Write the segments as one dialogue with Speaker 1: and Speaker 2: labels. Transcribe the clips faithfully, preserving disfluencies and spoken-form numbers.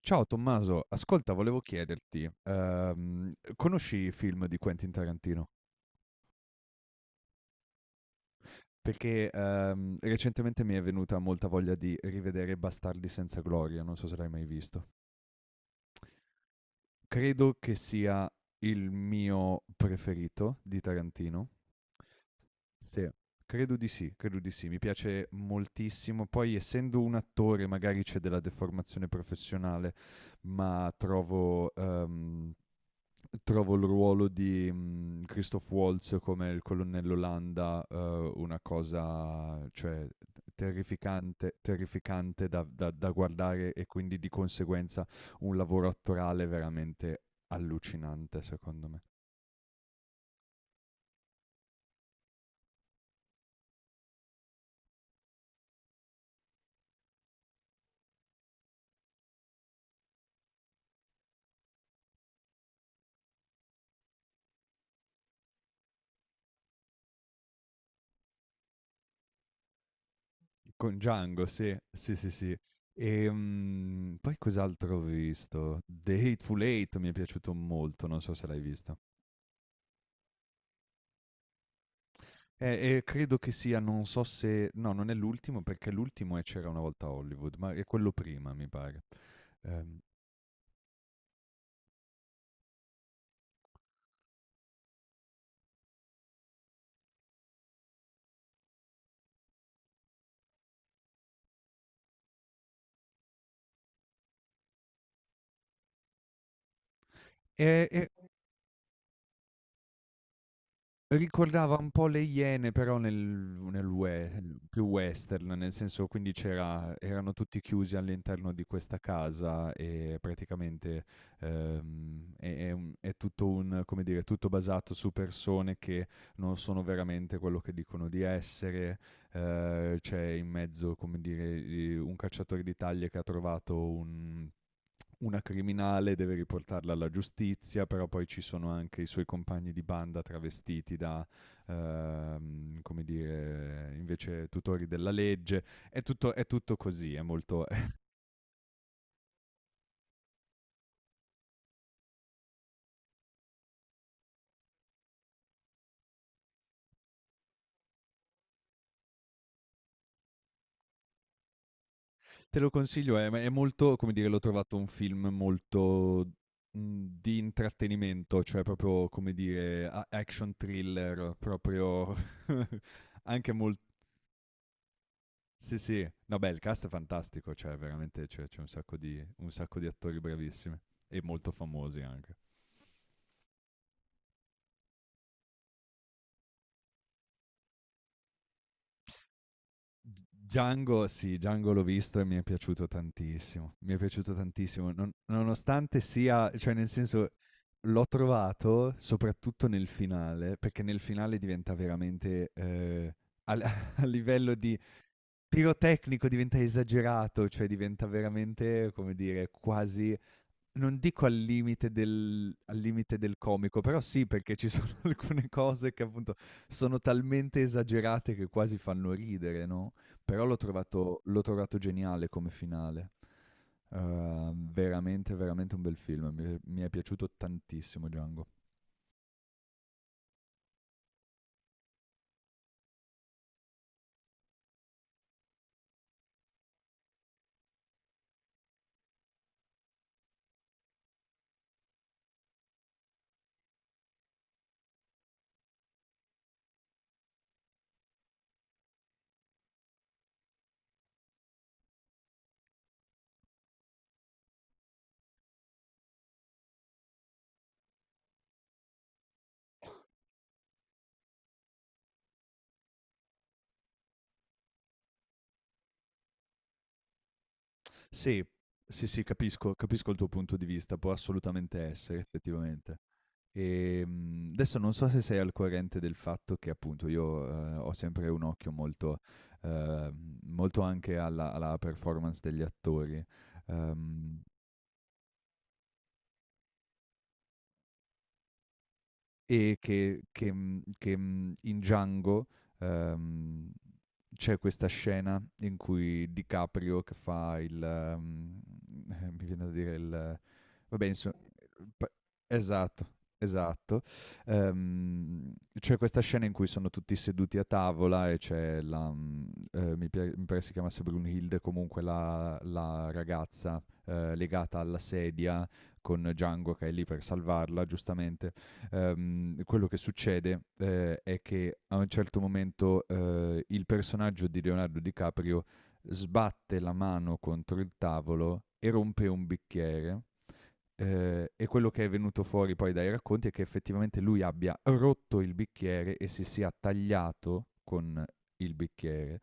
Speaker 1: Ciao Tommaso, ascolta, volevo chiederti, ehm, conosci i film di Quentin Tarantino? Perché ehm, recentemente mi è venuta molta voglia di rivedere Bastardi senza gloria, non so se l'hai mai visto. Credo che sia il mio preferito di Tarantino. Sì. Credo di sì, credo di sì, mi piace moltissimo. Poi, essendo un attore, magari c'è della deformazione professionale, ma trovo ehm, trovo il ruolo di mh, Christoph Waltz come il colonnello Landa, eh, una cosa, cioè, terrificante, terrificante da, da- da guardare e quindi di conseguenza un lavoro attorale veramente allucinante, secondo me. Con Django, sì, sì, sì, sì. E mm, poi cos'altro ho visto? The Hateful Eight mi è piaciuto molto, non so se l'hai visto. Eh, e credo che sia, non so se no, non è l'ultimo perché l'ultimo è C'era una volta Hollywood, ma è quello prima mi pare. Ehm, e e Ricordava un po' le Iene, però nel nel we più western, nel senso quindi c'era erano tutti chiusi all'interno di questa casa e praticamente, ehm, è è un è tutto un, come dire, tutto basato su persone che non sono veramente quello che dicono di essere. Ehm, c'è in mezzo, come dire, i un cacciatore di taglie che ha trovato un una criminale, deve riportarla alla giustizia, però poi ci sono anche i suoi compagni di banda travestiti da, ehm, come dire, invece tutori della legge. È tutto, è tutto così, è molto... Te lo consiglio, è, è molto, come dire, l'ho trovato un film molto mh, di intrattenimento, cioè proprio, come dire, a- action thriller, proprio anche molto. Sì, sì. No, beh, il cast è fantastico, cioè veramente c'è, c'è un, sacco di, un sacco di attori bravissimi e molto famosi anche. Django, sì, Django l'ho visto e mi è piaciuto tantissimo. Mi è piaciuto tantissimo, non- nonostante sia, cioè nel senso l'ho trovato soprattutto nel finale, perché nel finale diventa veramente, eh, al- a livello di pirotecnico, diventa esagerato, cioè diventa veramente, come dire, quasi. Non dico al limite del al limite del comico, però sì, perché ci sono alcune cose che appunto sono talmente esagerate che quasi fanno ridere, no, però l'ho trovato l'ho trovato geniale come finale. Uhm, veramente, veramente un bel film. Mi è mi è piaciuto tantissimo Django. Sì, sì, sì, capisco capisco il tuo punto di vista, può assolutamente essere effettivamente. E mh, adesso non so se sei al corrente del fatto che appunto io, eh, ho sempre un occhio molto, eh, molto anche alla, alla performance degli attori. ehm, e che, che, mh, che, mh, In Django, ehm, c'è questa scena in cui DiCaprio che fa il... ehm, mi viene da dire il... Vabbè, insomma, p- Esatto, esatto. Ehm, c'è questa scena in cui sono tutti seduti a tavola e c'è la, mm, eh, mi, pia- mi pare si chiamasse Brunhilde, comunque la, la ragazza, eh, legata alla sedia con Django che è lì per salvarla, giustamente. Ehm, quello che succede, eh, è che a un certo momento, eh, il personaggio di Leonardo DiCaprio sbatte la mano contro il tavolo e rompe un bicchiere, eh, e quello che è venuto fuori poi dai racconti è che effettivamente lui abbia rotto il bicchiere e si sia tagliato con il bicchiere.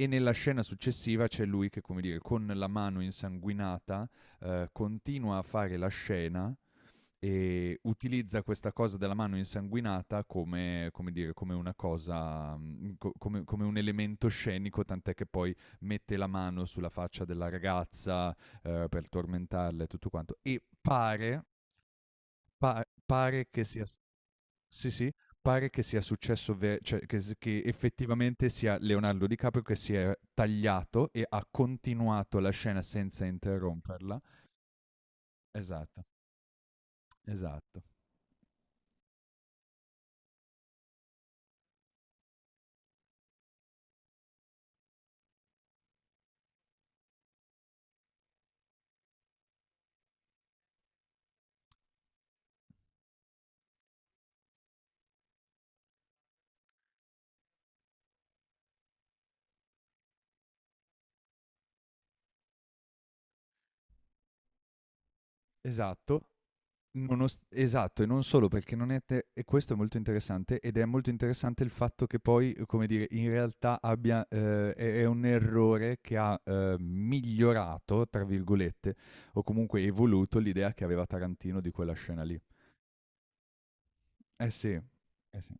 Speaker 1: E nella scena successiva c'è lui che, come dire, con la mano insanguinata, eh, continua a fare la scena e utilizza questa cosa della mano insanguinata come, come dire, come una cosa, mh, co- come, come un elemento scenico, tant'è che poi mette la mano sulla faccia della ragazza, eh, per tormentarla e tutto quanto. E pare, Pa pare che sia s sì, sì, pare che sia successo ve cioè che s che effettivamente sia Leonardo DiCaprio che si è tagliato e ha continuato la scena senza interromperla. Esatto, esatto, esatto. Nonost esatto, e non solo perché non è te e questo è molto interessante ed è molto interessante il fatto che poi, come dire, in realtà abbia, ehm, è è un errore che ha, ehm, "migliorato" tra virgolette o comunque evoluto l'idea che aveva Tarantino di quella scena lì. Eh sì, eh sì.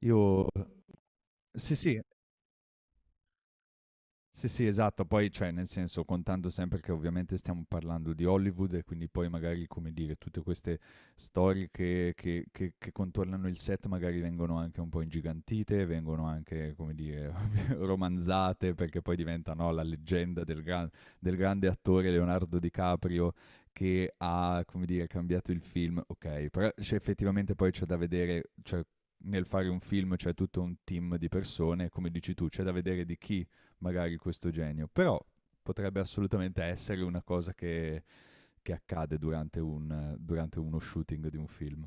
Speaker 1: Io sì, sì. Sì, sì, esatto. Poi, cioè, nel senso, contando sempre che ovviamente stiamo parlando di Hollywood e quindi poi magari, come dire, tutte queste storie che, che- che- che contornano il set magari vengono anche un po' ingigantite, vengono anche, come dire, romanzate perché poi diventa, no, la leggenda del, gran- del grande attore Leonardo DiCaprio che ha, come dire, cambiato il film. Ok, però cioè, effettivamente poi c'è da vedere, cioè, nel fare un film c'è tutto un team di persone, come dici tu, c'è da vedere di chi magari questo genio, però potrebbe assolutamente essere una cosa che, che accade durante, un, durante uno shooting di un film.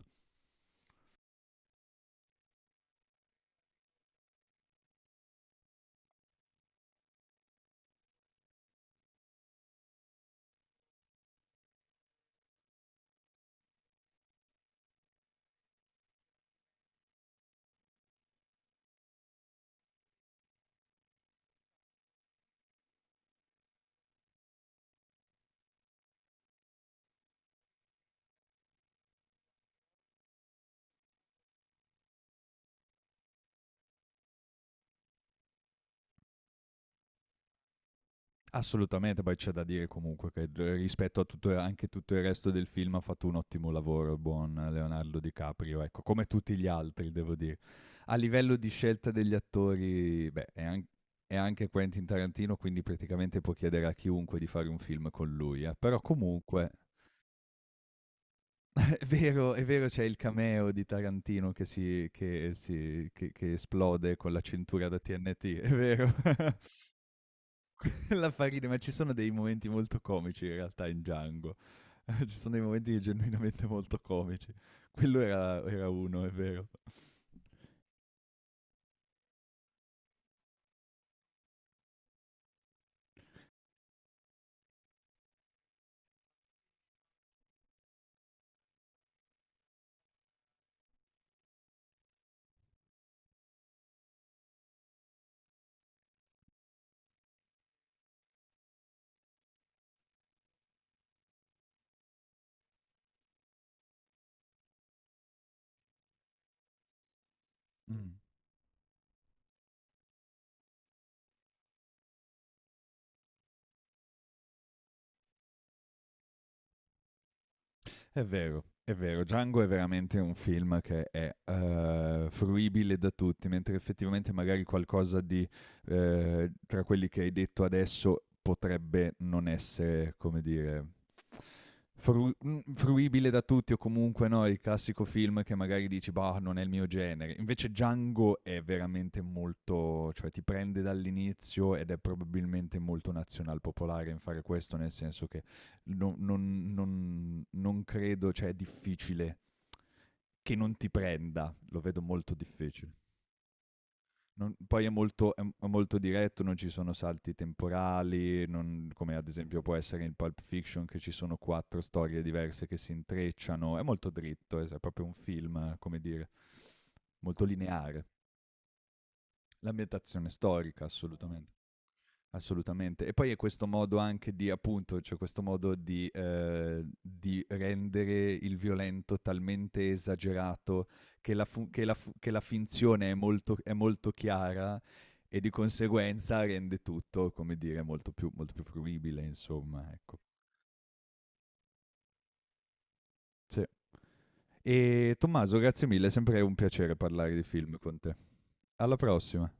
Speaker 1: Assolutamente, poi c'è da dire comunque che rispetto a tutto, anche tutto il resto del film ha fatto un ottimo lavoro il buon Leonardo DiCaprio, ecco, come tutti gli altri devo dire. A livello di scelta degli attori, beh, è, an- è anche Quentin Tarantino, quindi praticamente può chiedere a chiunque di fare un film con lui, eh. Però comunque è vero, è vero, c'è il cameo di Tarantino che si che si che che esplode con la cintura da T N T, è vero. La fa ridere, ma ci sono dei momenti molto comici in realtà in Django. Ci sono dei momenti genuinamente molto comici. Quello era era uno, è vero. Mh. È vero, è vero, Django è veramente un film che è, eh, fruibile da tutti, mentre effettivamente magari qualcosa di, eh, tra quelli che hai detto adesso potrebbe non essere, come dire, fru- mm, fruibile da tutti o comunque no, il classico film che magari dici, bah, non è il mio genere. Invece Django è veramente molto, cioè ti prende dall'inizio ed è probabilmente molto nazional popolare in fare questo, nel senso che non, non- non- non credo, cioè è difficile che non ti prenda, lo vedo molto difficile. Non- poi è molto, è- è molto diretto, non ci sono salti temporali, non, come ad esempio può essere in Pulp Fiction che ci sono quattro storie diverse che si intrecciano, è molto dritto, è proprio un film, come dire, molto lineare. L'ambientazione storica, assolutamente. Assolutamente. E poi è questo modo anche di, appunto, cioè questo modo di, eh, di rendere il violento talmente esagerato che la, fu- che la fu- che la finzione è molto, è molto chiara e di conseguenza rende tutto, come dire, molto più, molto più fruibile, insomma, ecco. Sì. E Tommaso, grazie mille, è sempre un piacere parlare di film con te. Alla prossima.